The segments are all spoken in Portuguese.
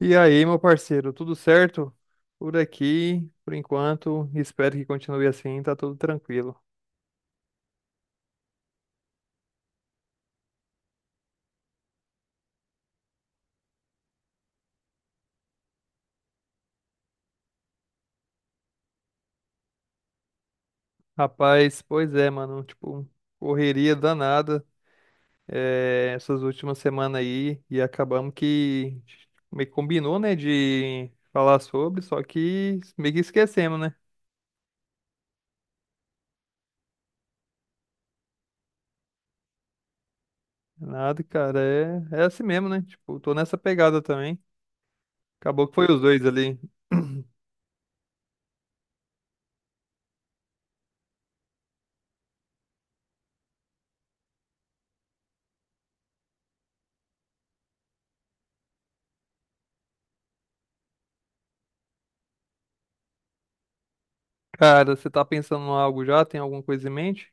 E aí, meu parceiro, tudo certo? Por aqui, por enquanto, espero que continue assim, tá tudo tranquilo. Rapaz, pois é, mano, tipo, correria danada essas últimas semanas aí e acabamos que meio que combinou, né, de falar sobre, só que meio que esquecemos, né? Nada, cara, é assim mesmo, né? Tipo, tô nessa pegada também. Acabou que foi os dois ali. Cara, você tá pensando em algo já? Tem alguma coisa em mente?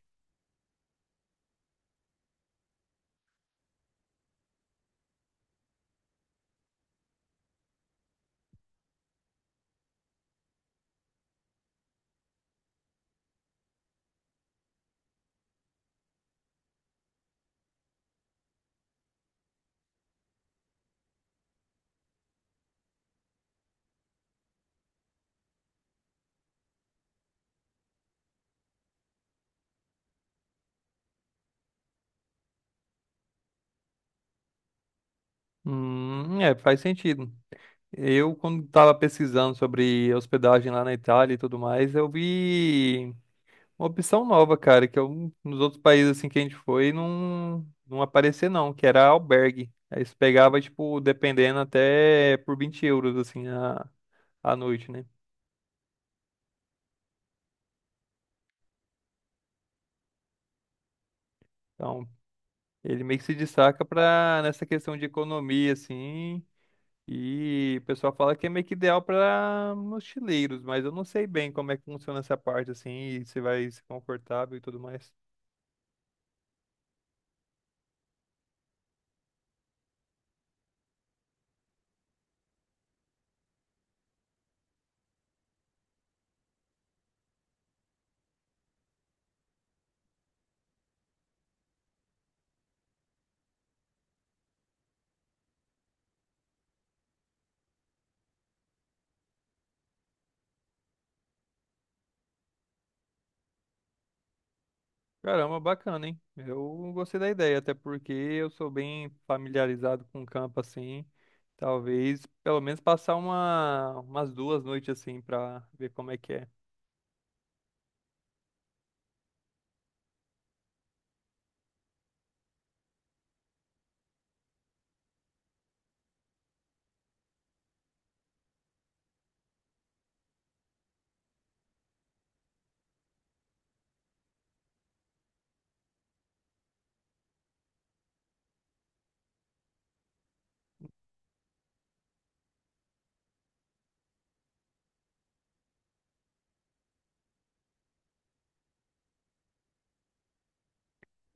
É, faz sentido. Eu, quando estava pesquisando sobre hospedagem lá na Itália e tudo mais, eu vi uma opção nova, cara, que eu, nos outros países assim que a gente foi não aparecia não, que era albergue. Aí você pegava, tipo, dependendo até por 20 euros, assim, a noite, né? Então, ele meio que se destaca pra, nessa questão de economia, assim, e o pessoal fala que é meio que ideal para mochileiros, mas eu não sei bem como é que funciona essa parte assim, e se vai ser confortável e tudo mais. Caramba, bacana, hein? Eu gostei da ideia, até porque eu sou bem familiarizado com o campo assim. Talvez pelo menos passar umas duas noites assim pra ver como é que é.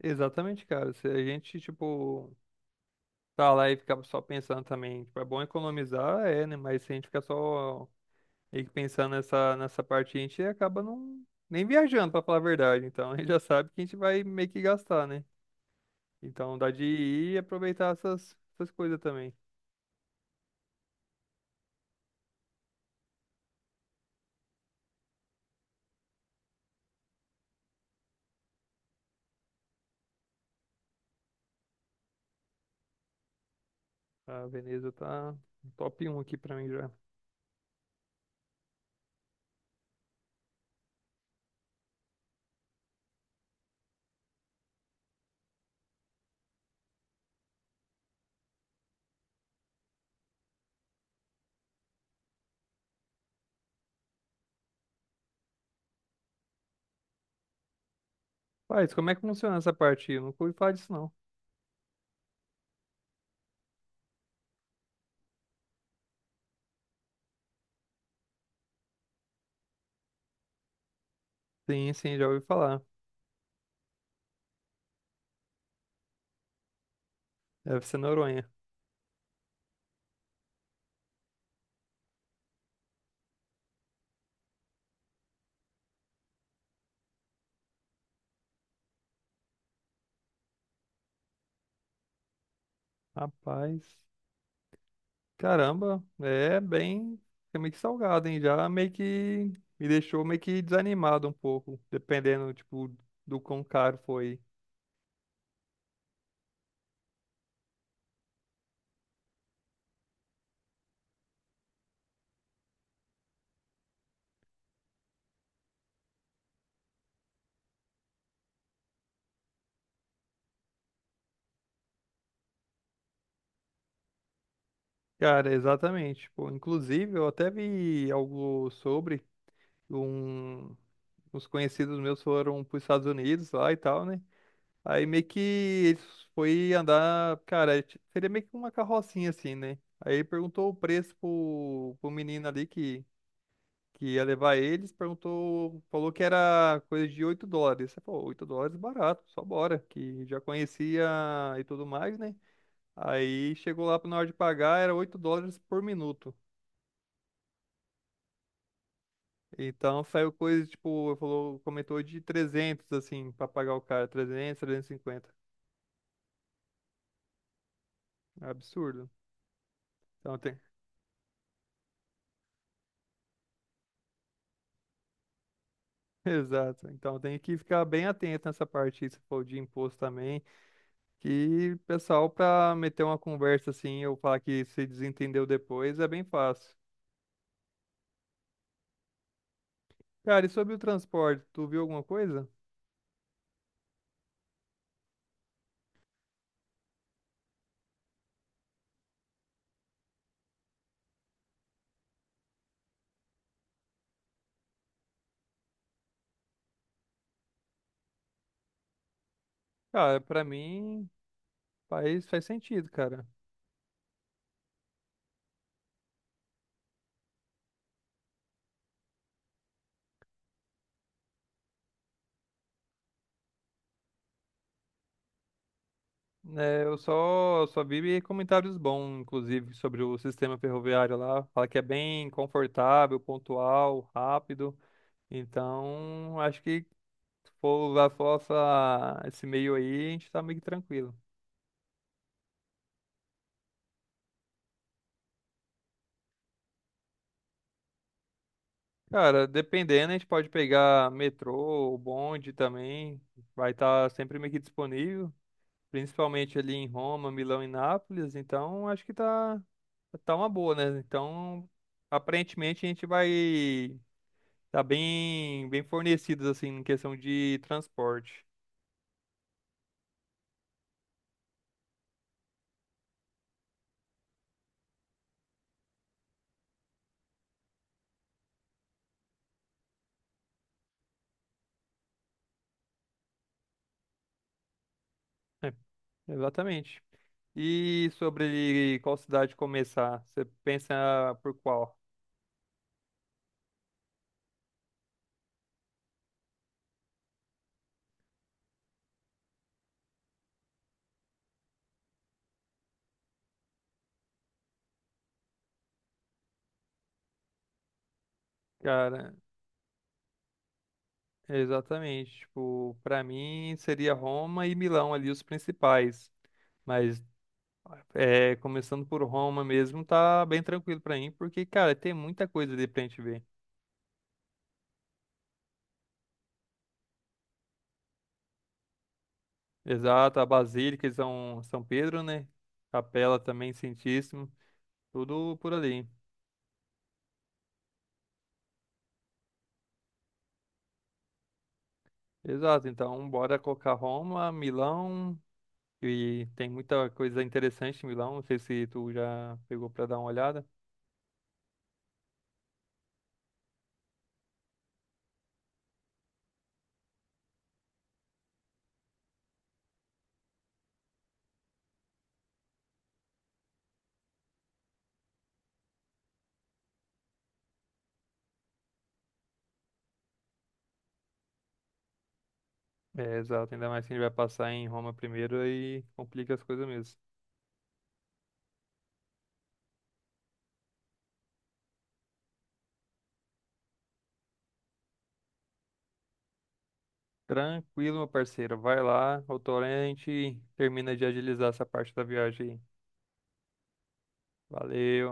Exatamente, cara. Se a gente, tipo, tá lá e ficar só pensando também, tipo, é bom economizar, é, né? Mas se a gente ficar só e que pensando nessa parte, a gente acaba não nem viajando, pra falar a verdade. Então, a gente já sabe que a gente vai meio que gastar, né? Então, dá de ir e aproveitar essas coisas também. A Veneza tá top um aqui pra mim já. Mas como é que funciona essa parte? Eu nunca ouvi falar disso, não. Sim, sim, já ouvi falar. Deve ser Noronha. Rapaz, caramba, é meio que salgado, hein? Já meio que me deixou meio que desanimado um pouco, dependendo, tipo, do quão caro foi. Cara, exatamente. Pô, inclusive, eu até vi algo sobre um... uns conhecidos meus foram para os Estados Unidos lá e tal, né? Aí meio que eles foi andar, cara, seria meio que uma carrocinha assim, né? Aí perguntou o preço pro menino ali que ia levar eles, perguntou, falou que era coisa de US$ 8. Aí, pô, 8 dólares barato, só bora, que já conhecia e tudo mais, né? Aí chegou lá na hora de pagar, era US$ 8 por minuto. Então saiu coisa, tipo, falou, comentou de 300 assim, pra pagar o cara, 300, 350. É absurdo. Então tem, exato. Então tem que ficar bem atento nessa parte, aí, se for de imposto também, que pessoal pra meter uma conversa assim, ou falar que se desentendeu depois, é bem fácil. Cara, e sobre o transporte, tu viu alguma coisa? Cara, pra mim faz sentido, cara. É, eu só vi comentários bons, inclusive, sobre o sistema ferroviário lá. Fala que é bem confortável, pontual, rápido. Então, acho que se for usar só esse meio aí, a gente tá meio que tranquilo. Cara, dependendo, a gente pode pegar metrô, ou bonde também. Vai estar sempre meio que disponível. Principalmente ali em Roma, Milão e Nápoles. Então, acho que tá uma boa, né? Então, aparentemente, a gente vai. Tá bem, bem fornecidos, assim, em questão de transporte. É, exatamente. E sobre qual cidade começar? Você pensa por qual? Cara, exatamente. Tipo, pra mim seria Roma e Milão ali os principais. Mas é, começando por Roma mesmo, tá bem tranquilo pra mim, porque, cara, tem muita coisa ali pra gente ver. Exato, a Basílica de São Pedro, né? Capela também, Santíssimo, tudo por ali. Exato, então bora colocar Roma, Milão, e tem muita coisa interessante em Milão, não sei se tu já pegou pra dar uma olhada. É, exato, ainda mais que a gente vai passar em Roma primeiro, aí complica as coisas mesmo. Tranquilo, meu parceiro, vai lá, outra hora a gente termina de agilizar essa parte da viagem aí. Valeu.